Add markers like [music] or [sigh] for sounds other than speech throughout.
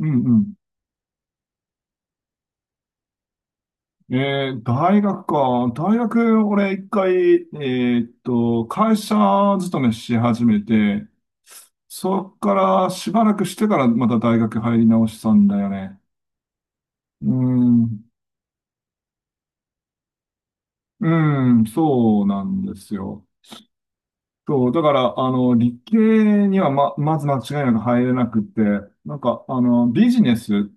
うん大学か。大学、俺一回、会社勤めし始めて、そっからしばらくしてからまた大学入り直したんだよね。うん。うん、そうなんですよ。そう、だから、理系にはまず間違いなく入れなくって、ビジネス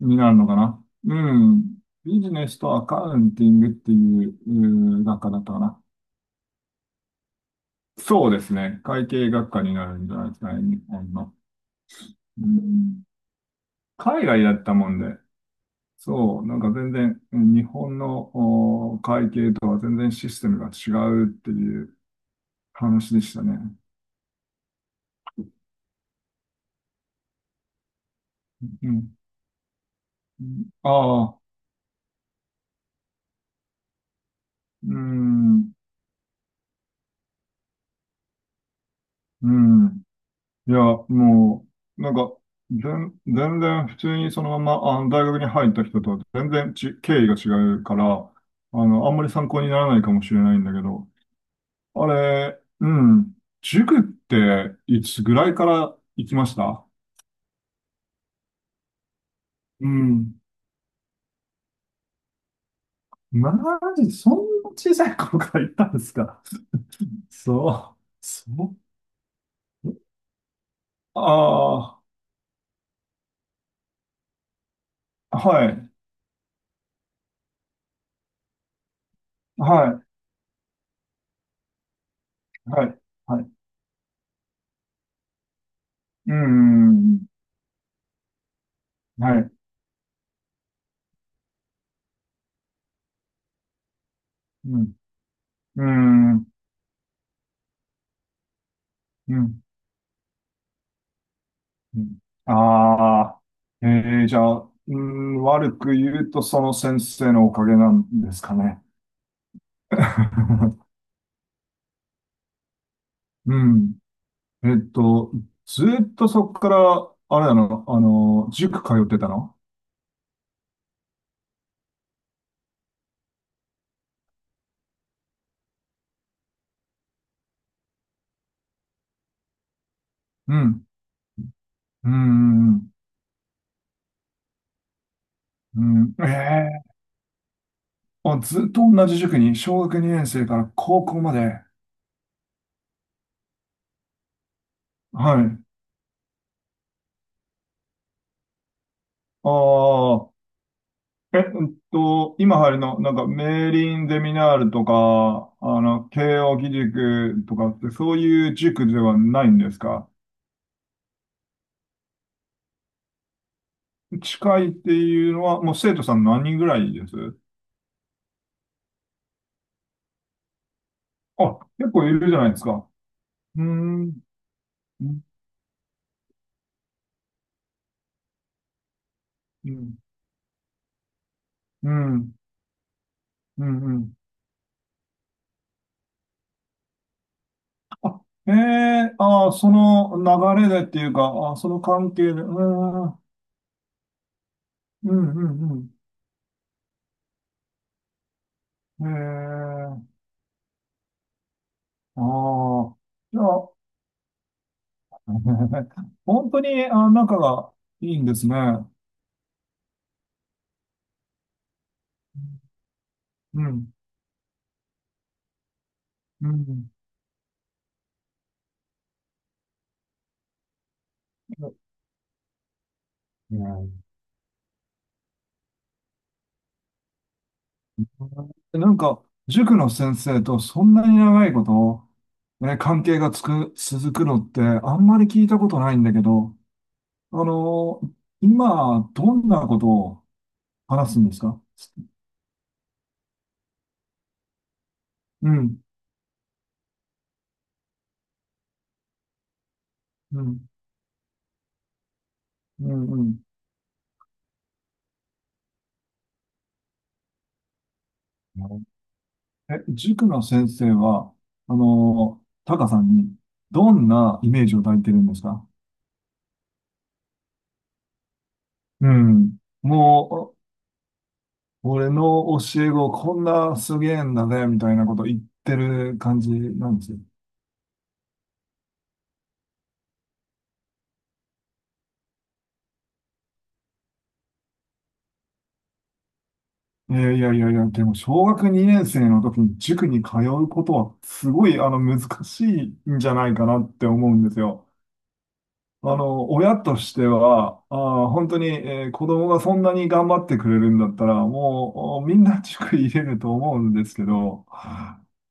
になるのかな。うん。ビジネスとアカウンティングっていう、うん学科だったかな。そうですね。会計学科になるんじゃないですかね、日本の。うん海外だったもんで、そう、なんか全然、うん日本のお会計とは全然システムが違うっていう話でしたね。うん。ああ、うん、うん。いや、もう、全然普通にそのまま、大学に入った人とは全然ち、経緯が違うから、あんまり参考にならないかもしれないんだけど、あれ、うん。塾っていつぐらいから行きました？うん。マジ、そんな小さい頃から行ったんですか？そう。そう。ああー、はい、はい、はい、はい。うん、はい、うん、うん、うん、うん。ああー、じゃあ、うん、悪く言うとその先生のおかげなんですかね。[laughs] うん。えっと、ずっとそこから、あれだな、塾通ってたの？うん。うん、うん、うん。ええあ、ずっと同じ塾に、小学2年生から高校まで。はい。ああ、え、うんと、今入るの、なんか、メーリンゼミナールとか、慶応義塾とかって、そういう塾ではないんですか？近いっていうのは、もう生徒さん何人ぐらいです？あ、結構いるじゃないですか。うーん。うんうん、うん、うん。ええああ、その流れでっていうか、ああ、その関係で、うん、うん、うん、うん。ええああ、じゃあ、[laughs] 本当に、あ、仲がいいんですね。うん、うん。いやなんか、塾の先生とそんなに長いこと、ね、関係がつく、続くのって、あんまり聞いたことないんだけど、あの、今、どんなことを話すんですか？うん、うん、うん、うん。なるほど。え、塾の先生は、タカさんにどんなイメージを抱いてるんですか？うん。もう、俺の教え子こんなすげえんだぜ、みたいなこと言ってる感じなんですよ。いやいやいやいや、でも小学2年生の時に塾に通うことはすごいあの難しいんじゃないかなって思うんですよ。親としては、本当に、子供がそんなに頑張ってくれるんだったら、もうみんな塾入れると思うんですけど、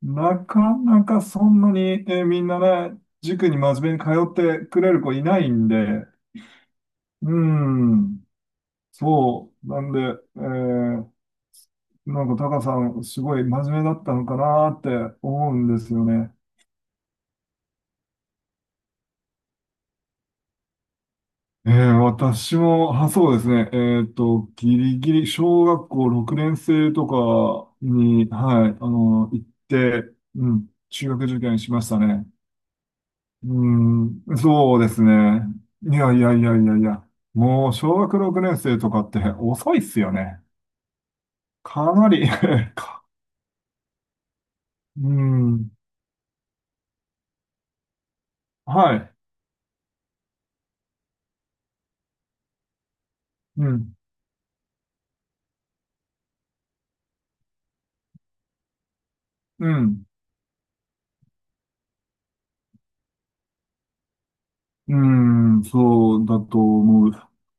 なかなかそんなに、みんなね、塾に真面目に通ってくれる子いないんで、うん、そう、なんで、えーなんかタカさん、すごい真面目だったのかなって思うんですよね。私も、あ、そうですね。ギリギリ、小学校6年生とかに、はい、行って、うん、中学受験しましたね。うん、そうですね。いやいやいやいやいや、もう小学6年生とかって遅いっすよね。かなり [laughs] か、うん、はい、うん、うん、うん、そうだと思う。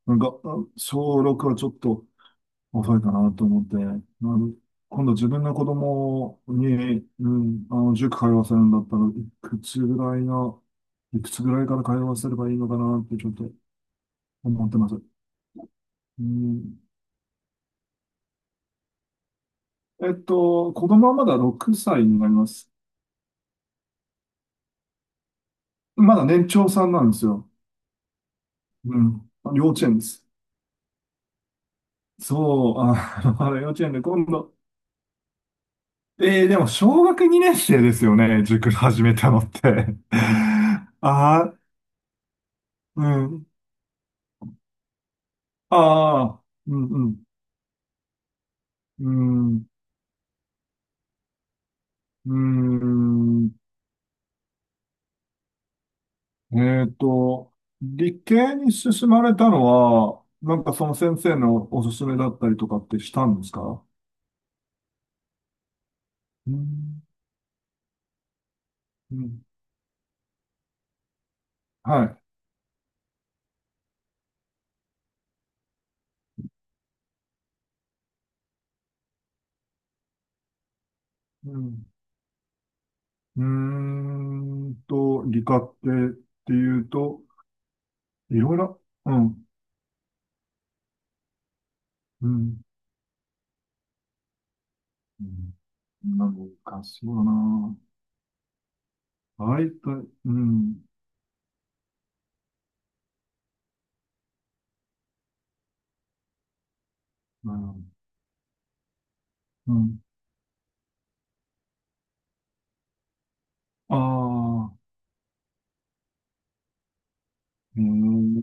小6はちょっと、遅いかなと思って、ん今度自分の子供に、うん、塾通わせるんだったら、くつぐらいの、いくつぐらいから通わせればいいのかなってちょっと思ってます。うん、えっと、子供はまだ6歳になります。まだ年長さんなんですよ。うん。幼稚園です。そう、あ、[laughs] まだ幼稚園で今度。でも小学2年生ですよね、塾始めたのって。[laughs] ああ、うん。ああ、うんうん、うん、えっと、理系に進まれたのは、なんかその先生のおすすめだったりとかってしたんですか？うん、うん、はい。うん、うーんと、理科系っていうと、いろいろ、うん、うん、うん、なんかそうだな。あいたい、うん、うん、うん、ああ、うん。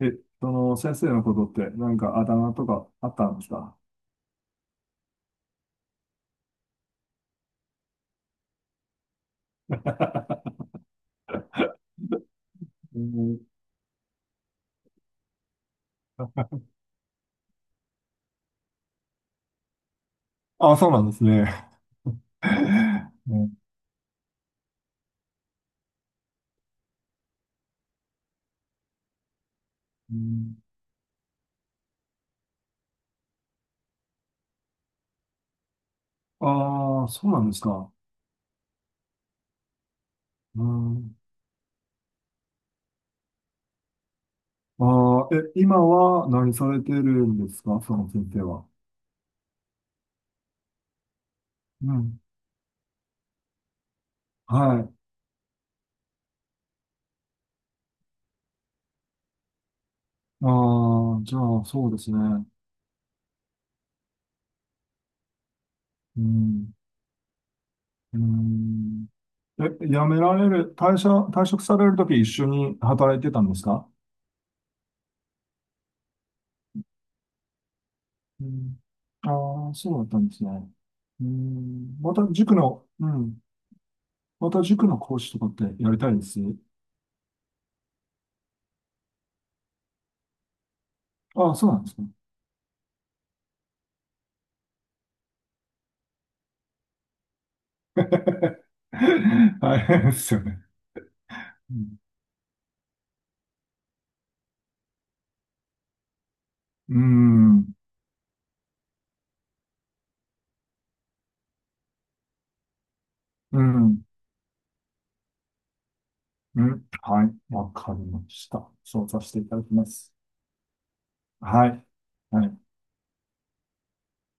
え、その先生のことって何かあだ名とかあったんですか？ [laughs] うん、[laughs] あ、そうなんですね。[laughs] うんうん。ああ、そうなんですか。うん、ああ、え、今は何されてるんですかその先生は。うん。はい。ああ、じゃあ、そうですね。うん。うん。え、辞められる、退社、退職されるとき一緒に働いてたんですか？うん。ああ、そうだったんですね。うん。また塾の、うん。また塾の講師とかってやりたいです。ああ、そうなんですね。[laughs] 大変ですよね。うん。うん。うんうんはい。わかりました。そうさせていただきます。はい。はい。